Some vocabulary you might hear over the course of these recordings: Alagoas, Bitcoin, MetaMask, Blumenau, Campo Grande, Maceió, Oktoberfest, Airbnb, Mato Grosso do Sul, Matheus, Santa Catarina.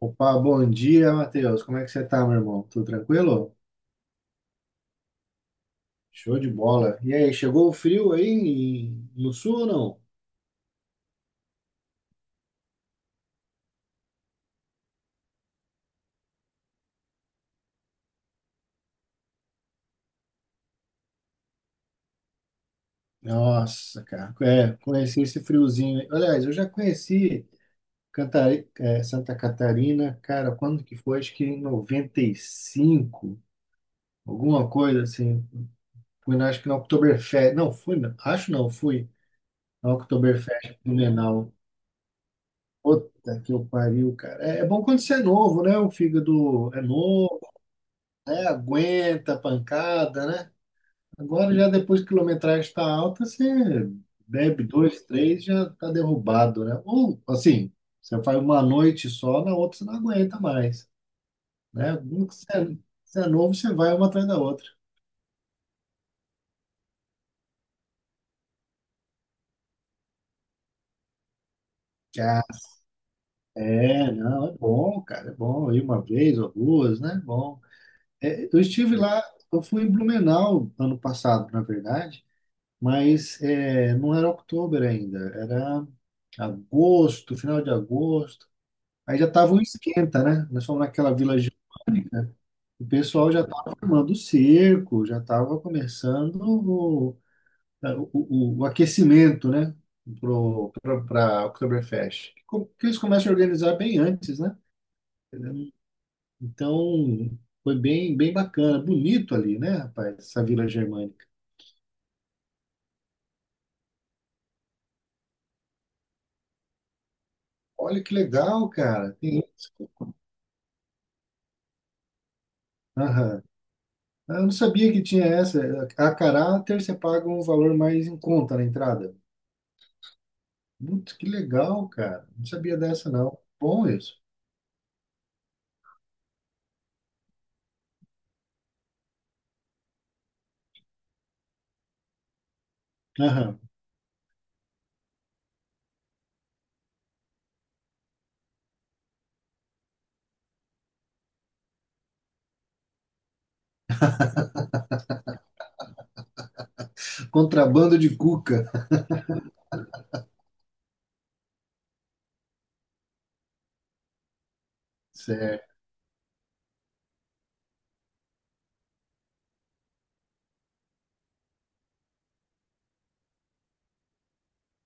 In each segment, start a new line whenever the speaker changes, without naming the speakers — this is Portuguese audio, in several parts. Opa, bom dia, Matheus. Como é que você tá, meu irmão? Tudo tranquilo? Show de bola. E aí, chegou o frio aí no sul ou não? Nossa, cara, é, conheci esse friozinho aí. Aliás, eu já conheci Santa Catarina, cara, quando que foi? Acho que em 95, alguma coisa assim. Fui, acho que na Oktoberfest. Não, fui, não. Acho não, fui na Oktoberfest em Blumenau. Puta que eu pariu, cara. É bom quando você é novo, né? O fígado é novo, né? Aguenta a pancada, né? Agora já depois que a quilometragem está alta, você bebe dois, três, já está derrubado, né? Ou assim, você faz uma noite só, na outra você não aguenta mais, né? Quando você é novo, você vai uma atrás da outra. Ah, é, não, é bom, cara, é bom ir uma vez ou duas, né? É bom. É, eu fui em Blumenau ano passado, na verdade. Mas é, não era outubro ainda, era agosto, final de agosto. Aí já tava um esquenta, né? Nós fomos naquela vila, o pessoal já estava formando o cerco, já estava começando o aquecimento, né? Para a Oktoberfest. Que eles começam a organizar bem antes, né? Então foi bem, bem bacana, bonito ali, né, rapaz? Essa vila germânica. Olha que legal, cara. Tem isso. Ah, eu não sabia que tinha essa. A caráter você paga um valor mais em conta na entrada. Putz, que legal, cara. Não sabia dessa, não. Bom isso. Aham. Contrabando de cuca. Certo.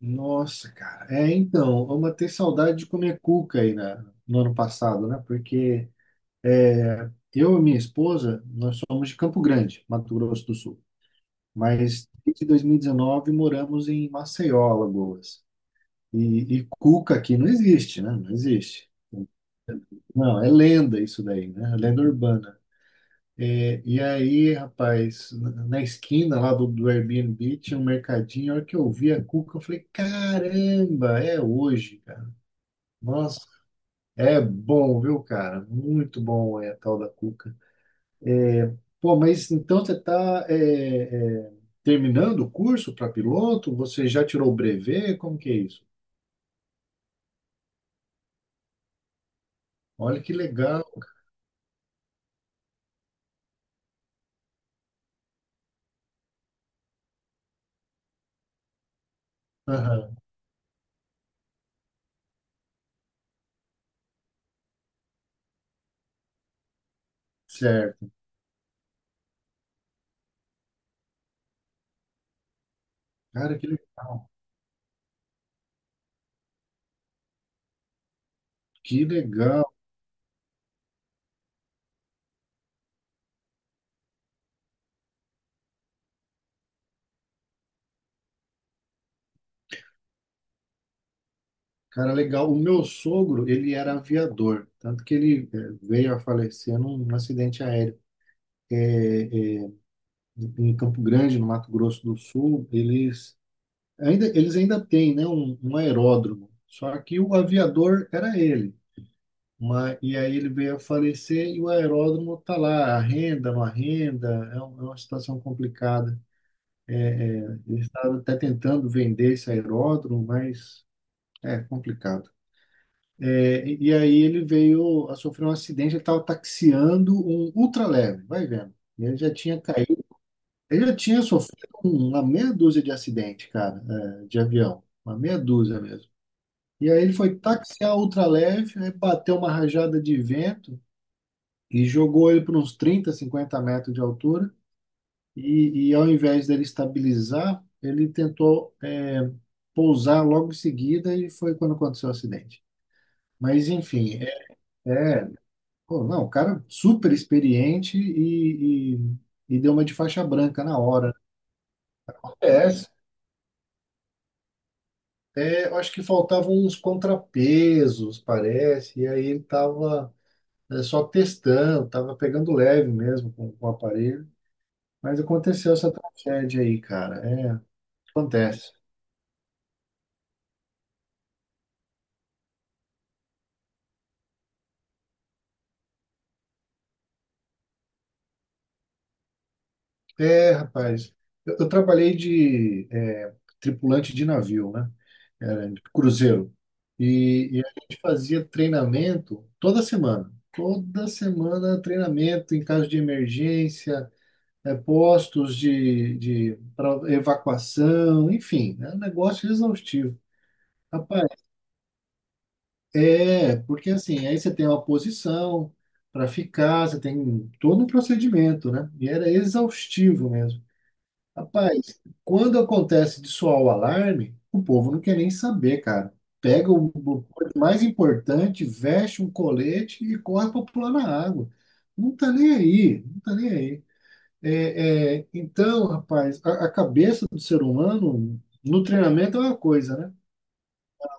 Nossa, cara. É, então, vamos ter saudade de comer cuca aí no ano passado, né? Porque é, eu e minha esposa, nós somos de Campo Grande, Mato Grosso do Sul. Mas desde 2019 moramos em Maceió, Alagoas. E cuca aqui não existe, né? Não existe. Não, é lenda isso daí, né? É lenda urbana. É, e aí, rapaz, na esquina lá do Airbnb tinha um mercadinho. A hora que eu vi a cuca, eu falei: caramba, é hoje, cara. Nossa, é bom, viu, cara? Muito bom é a tal da cuca. É, pô, mas então você está terminando o curso para piloto? Você já tirou o brevet? Como que é isso? Olha que legal. Aham, certo. Cara, que legal. Que legal. Cara, legal. O meu sogro, ele era aviador, tanto que ele veio a falecer num acidente aéreo. É, é, Em Campo Grande, no Mato Grosso do Sul. Eles ainda têm, né, um aeródromo, só que o aviador era ele. Mas, e aí ele veio a falecer e o aeródromo está lá, arrenda, não arrenda, é, é uma situação complicada. Eles estavam até tentando vender esse aeródromo, mas é complicado. É, e aí ele veio a sofrer um acidente, ele estava taxiando um ultraleve, vai vendo. E ele já tinha caído, ele já tinha sofrido uma meia dúzia de acidente, cara, é, de avião, uma meia dúzia mesmo. E aí ele foi taxiar o ultraleve, aí bateu uma rajada de vento e jogou ele para uns 30, 50 metros de altura. E ao invés dele estabilizar, ele tentou, é, pousar logo em seguida e foi quando aconteceu o acidente. Mas enfim, é pô, não, o cara super experiente e deu uma de faixa branca na hora. Acontece. É, eu acho que faltavam uns contrapesos, parece, e aí ele estava só testando, estava pegando leve mesmo com o aparelho. Mas aconteceu essa tragédia aí, cara. É, acontece. É, rapaz, eu trabalhei de é, tripulante de navio, né? Era de cruzeiro. E a gente fazia treinamento toda semana. Toda semana treinamento em caso de emergência, postos de pra evacuação, enfim, é um negócio exaustivo. Rapaz, é, porque assim, aí você tem uma posição para ficar, você tem todo um procedimento, né? E era exaustivo mesmo. Rapaz, quando acontece de soar o alarme, o povo não quer nem saber, cara. Pega o mais importante, veste um colete e corre para pular na água. Não tá nem aí, não tá nem aí. É, é, então, rapaz, a cabeça do ser humano no treinamento é uma coisa, né?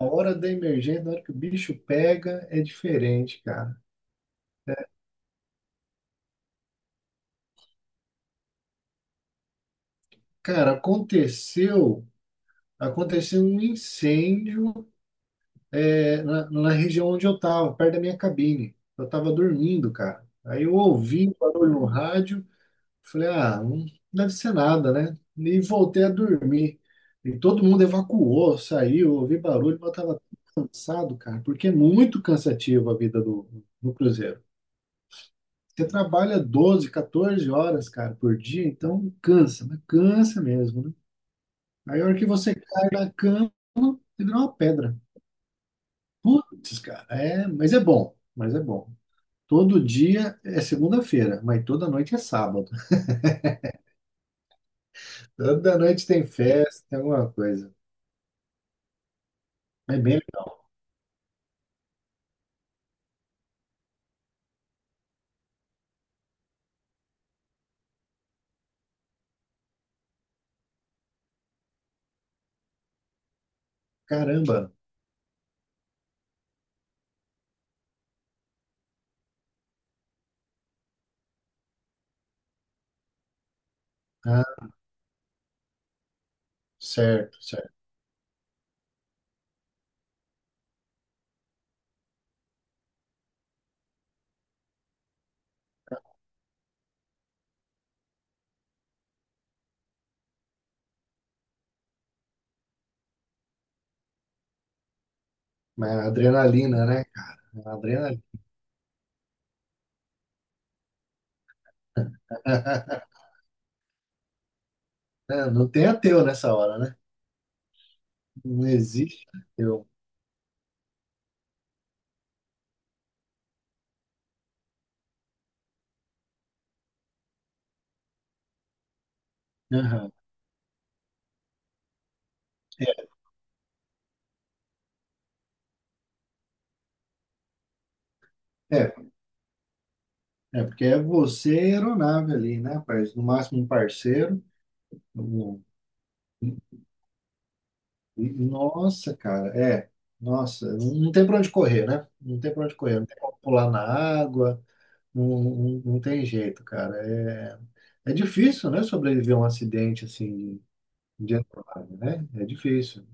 A hora da emergência, na hora que o bicho pega, é diferente, cara. Cara, aconteceu um incêndio. Na, na região onde eu estava, perto da minha cabine. Eu estava dormindo, cara. Aí eu ouvi o barulho no rádio, falei, ah, não deve ser nada, né? E voltei a dormir. E todo mundo evacuou, saiu, eu ouvi barulho, mas eu estava cansado, cara, porque é muito cansativo a vida do cruzeiro. Você trabalha 12, 14 horas, cara, por dia, então cansa, mas cansa mesmo, né? Aí a hora que você cai na cama, você vira uma pedra. Putz, cara, é, mas é bom, mas é bom. Todo dia é segunda-feira, mas toda noite é sábado. Toda noite tem festa, tem alguma coisa. É bem legal. Caramba. Ah, certo, certo. Mas a adrenalina, né? A adrenalina. É, Não tem ateu nessa hora, né? Não existe ateu. Aham. É, é, é, porque é você e a aeronave ali, né, parceiro? No máximo um parceiro. Um- Nossa, cara, é. Nossa, não tem pra onde correr, né? Não tem pra onde correr, não tem como pular na água. Não, não, não tem jeito, cara. É difícil, né, sobreviver a um acidente assim de aeronave, né? É difícil.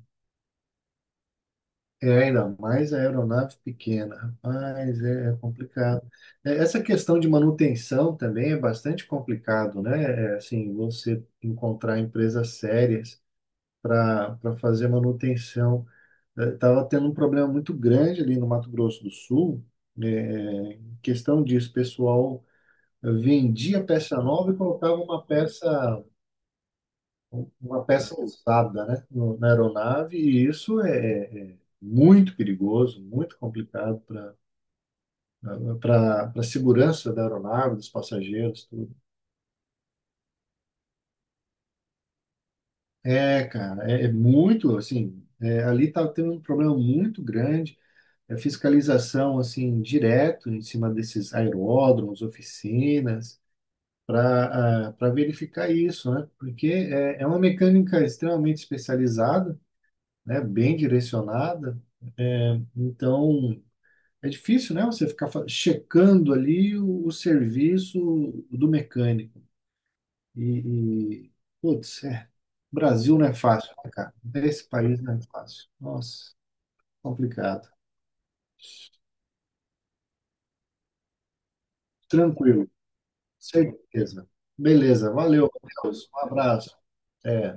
É ainda mais a aeronave pequena. Rapaz, é complicado. É, essa questão de manutenção também é bastante complicado, né? É, assim, você encontrar empresas sérias para fazer manutenção. Estava tendo um problema muito grande ali no Mato Grosso do Sul, né, em questão disso, pessoal vendia peça nova e colocava uma peça, usada, né, na aeronave, e isso é muito perigoso, muito complicado para a segurança da aeronave, dos passageiros, tudo. É, cara, é muito, assim, é, ali tá tendo um problema muito grande, é fiscalização, assim, direto em cima desses aeródromos, oficinas, para verificar isso, né? Porque é uma mecânica extremamente especializada, né? Bem direcionada, é, então é difícil, né? Você ficar checando ali o serviço do mecânico e putz, Brasil não é fácil, né, cara? Esse país não é fácil. Nossa, complicado. Tranquilo, certeza. Beleza, valeu, Matheus. Um abraço. É.